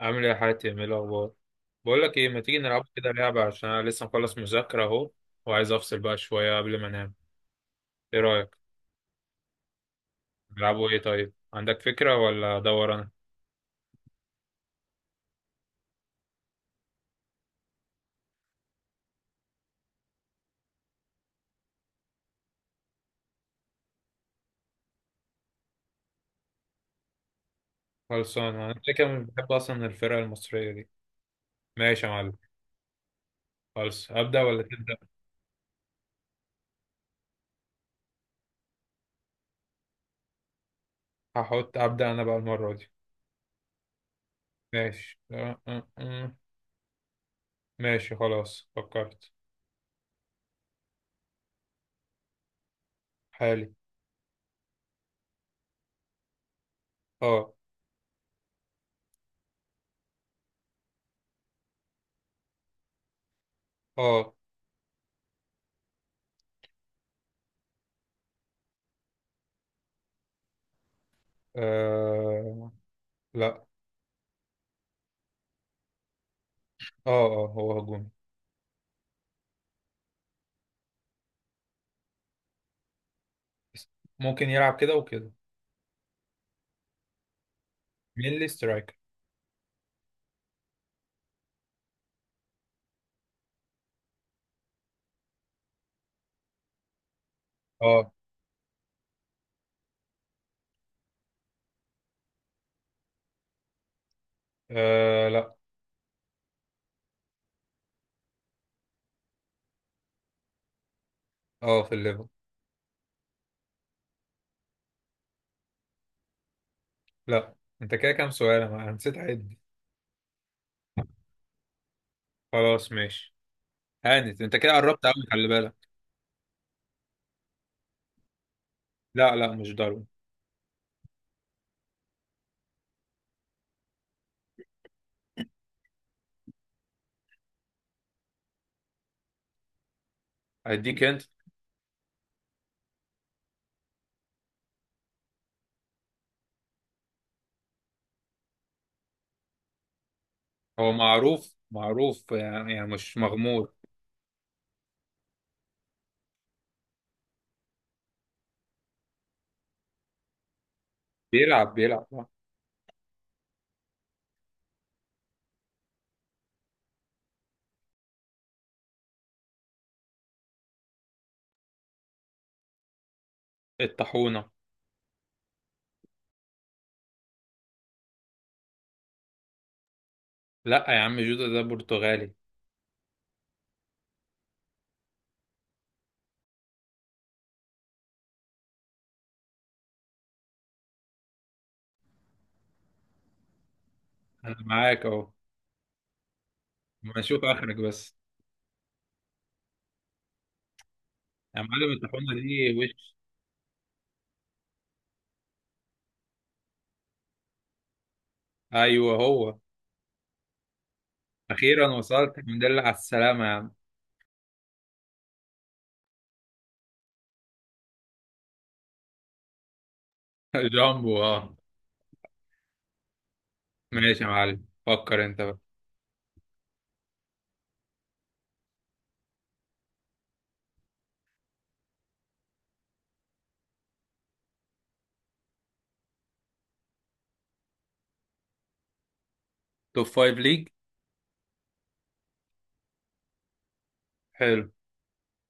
عامل ايه يا حاتم؟ ايه الاخبار؟ بقول لك ايه، ما تيجي نلعب كده لعبه عشان انا لسه مخلص مذاكره اهو، وعايز افصل بقى شويه قبل ما انام. ايه رايك؟ نلعبوا ايه طيب؟ عندك فكره ولا ادور انا؟ خلصان، انا كده كده بحب اصلا الفرقه المصريه دي. ماشي يا معلم. خلص، ابدا ولا تبدا؟ هحط ابدا انا بقى المره دي. ماشي. أه، أه، أه. ماشي خلاص، فكرت. حالي. اه، اه. آه، لا. اه، اه، هو هجومي. ممكن يلعب كده وكده. مين اللي سترايكر؟ اه. آه، لا. اه، في الليفل. لا. انت كده كام سؤال؟ انا نسيت اعد. خلاص ماشي. هانت، انت كده قربت قوي، خلي بالك. لا، لا، مش داروين. هديك انت. هو معروف معروف يعني، مش مغمور. بيلعب آه. الطاحونة. لا يا عم، جودة ده برتغالي. انا معاك اهو. ما اشوف اخرك بس. يا معلم، الطاحونة دي وش؟ ايوه، هو. اخيرا وصلت، الحمد لله على السلامة يا عم. جامبو، اه. ماشي يا معلم، فكر انت بقى. توب فايف ليج؟ حلو.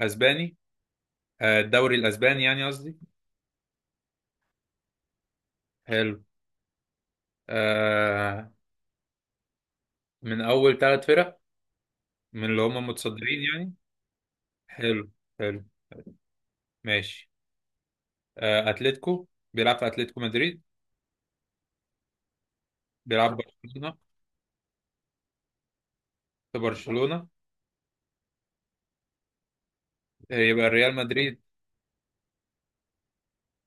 اسباني؟ آه، الدوري الاسباني يعني، قصدي. حلو. آه، من اول 3 فرق؟ من اللي هم متصدرين يعني. حلو. حلو. ماشي. آه، اتلتيكو؟ بيلعب في اتلتيكو مدريد؟ بيلعب برشلونة؟ في برشلونة؟ يبقى ريال مدريد.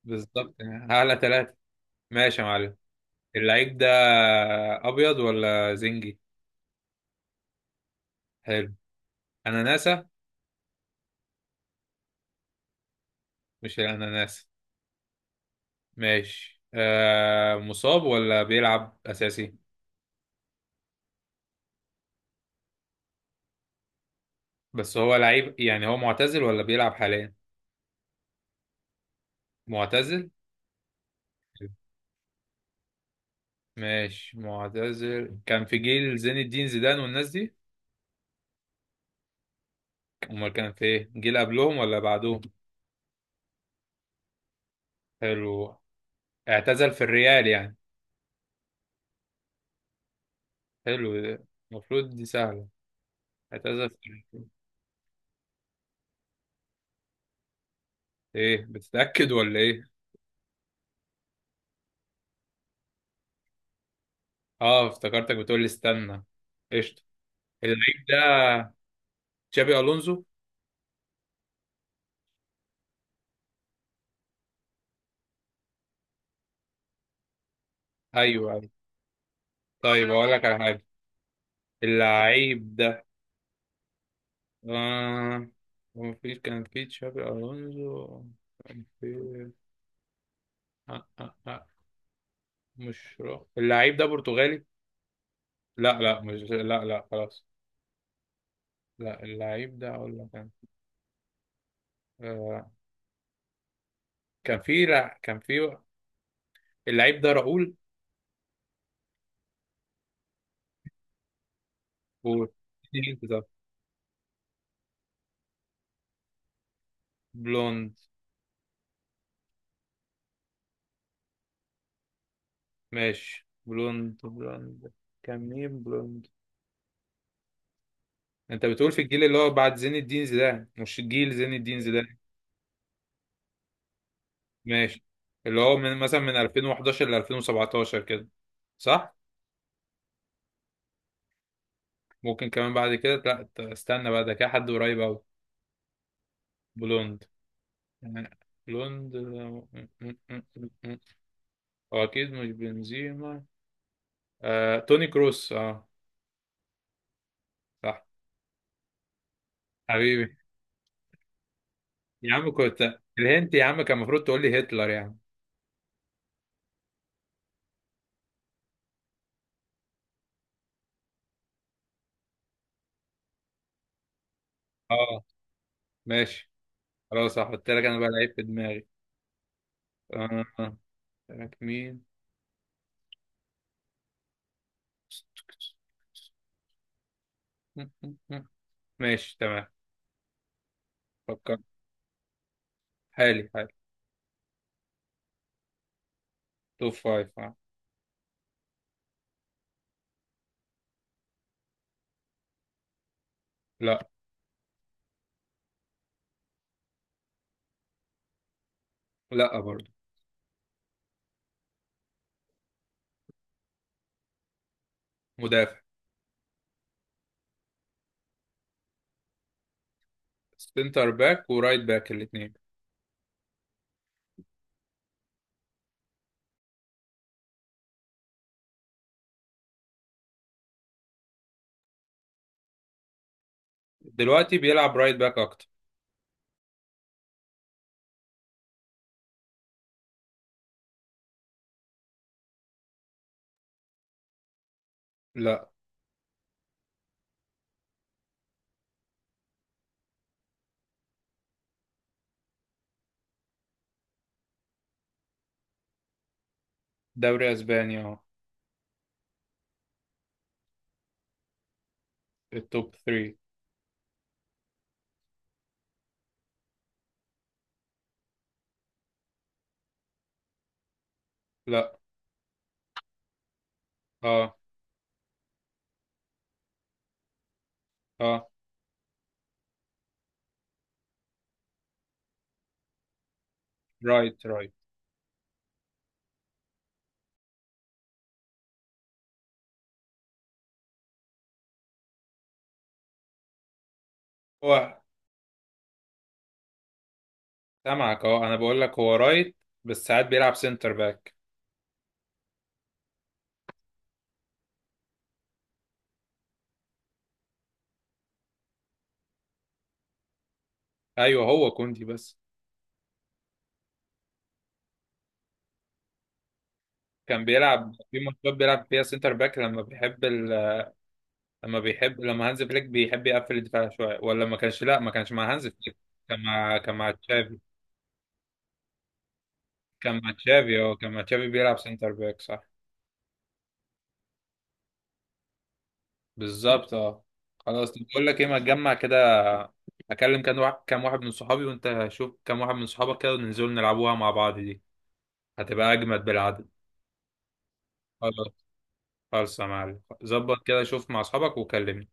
بالظبط يعني، اعلى ثلاثة. ماشي يا معلم. اللعيب ده ابيض ولا زنجي؟ حلو. اناناسة؟ مش الاناناسة؟ ماشي. آه، مصاب ولا بيلعب اساسي؟ بس هو لعيب يعني، هو معتزل ولا بيلعب حاليا؟ معتزل؟ ماشي، معتزل كان في جيل زين الدين زيدان والناس دي؟ امال كان في ايه، جيل قبلهم ولا بعدهم؟ حلو. اعتزل في الريال يعني؟ حلو ده. المفروض دي سهلة. اعتزل في الريال. ايه بتتأكد ولا ايه؟ اه، افتكرتك بتقول لي استنى. قشطة. اللعيب ده تشابي الونزو؟ ايوه، ايوه. طيب، اقول لك على حاجة. اللعيب ده، آه، هو في، كان في تشابي ألونزو. كان في، آه آه آه مش رو. اللعيب ده برتغالي. لا، لا، مش، لا، لا، خلاص. لا، اللعيب ده أقول لك أنا. آه، كان في، لا، كان في اللعيب ده راؤول. و، بلوند. ماشي، بلوند، بلوند. كان مين بلوند؟ انت بتقول في الجيل اللي هو بعد زين الدين زيدان، مش جيل زين الدين زيدان؟ ماشي. اللي هو من مثلا من 2011 ل 2017 كده، صح؟ ممكن كمان بعد كده، لا، استنى بقى، ده كده حد قريب أوي. بلوند يعني. بلوند، آه، هو أكيد مش بنزيما. توني كروس، اه. صح. حبيبي. يا عم كنت الهنت يا عم كان المفروض تقول لي هتلر يعني. اه. ماشي. خلاص، هحط لك انا بقى لعيب في دماغي. آه. لك مين؟ م- م- م. ماشي تمام. فكر. حالي، حالي. توب فايف، آه. لا. لا برضه. مدافع. سنتر باك ورايت باك الاثنين. دلوقتي بيلعب رايت باك اكتر. لا. دوري اسباني، اه. التوب 3. لا. اه، اه. رايت، رايت. هو. سامعك، اه، انا بقول لك هو رايت. بس ساعات بيلعب سنتر باك. ايوه، هو كوندي بس. كان بيلعب في ماتشات بيلعب فيها سنتر باك لما بيحب لما هانز فليك بيحب يقفل الدفاع شويه، ولا ما كانش. لا، ما كانش مع هانز فليك. كان مع تشافي. كان مع تشافي، اه، كان مع تشافي بيلعب سنتر باك، صح. بالظبط، اه. خلاص، طب بقول لك ايه، ما تجمع كده. اكلم كام واحد كام واحد من صحابي وانت شوف كام واحد من صحابك كده وننزل نلعبوها مع بعض دي. هتبقى اجمد بالعدد. خلاص. خلص يا معلم، ظبط كده، شوف مع اصحابك وكلمني.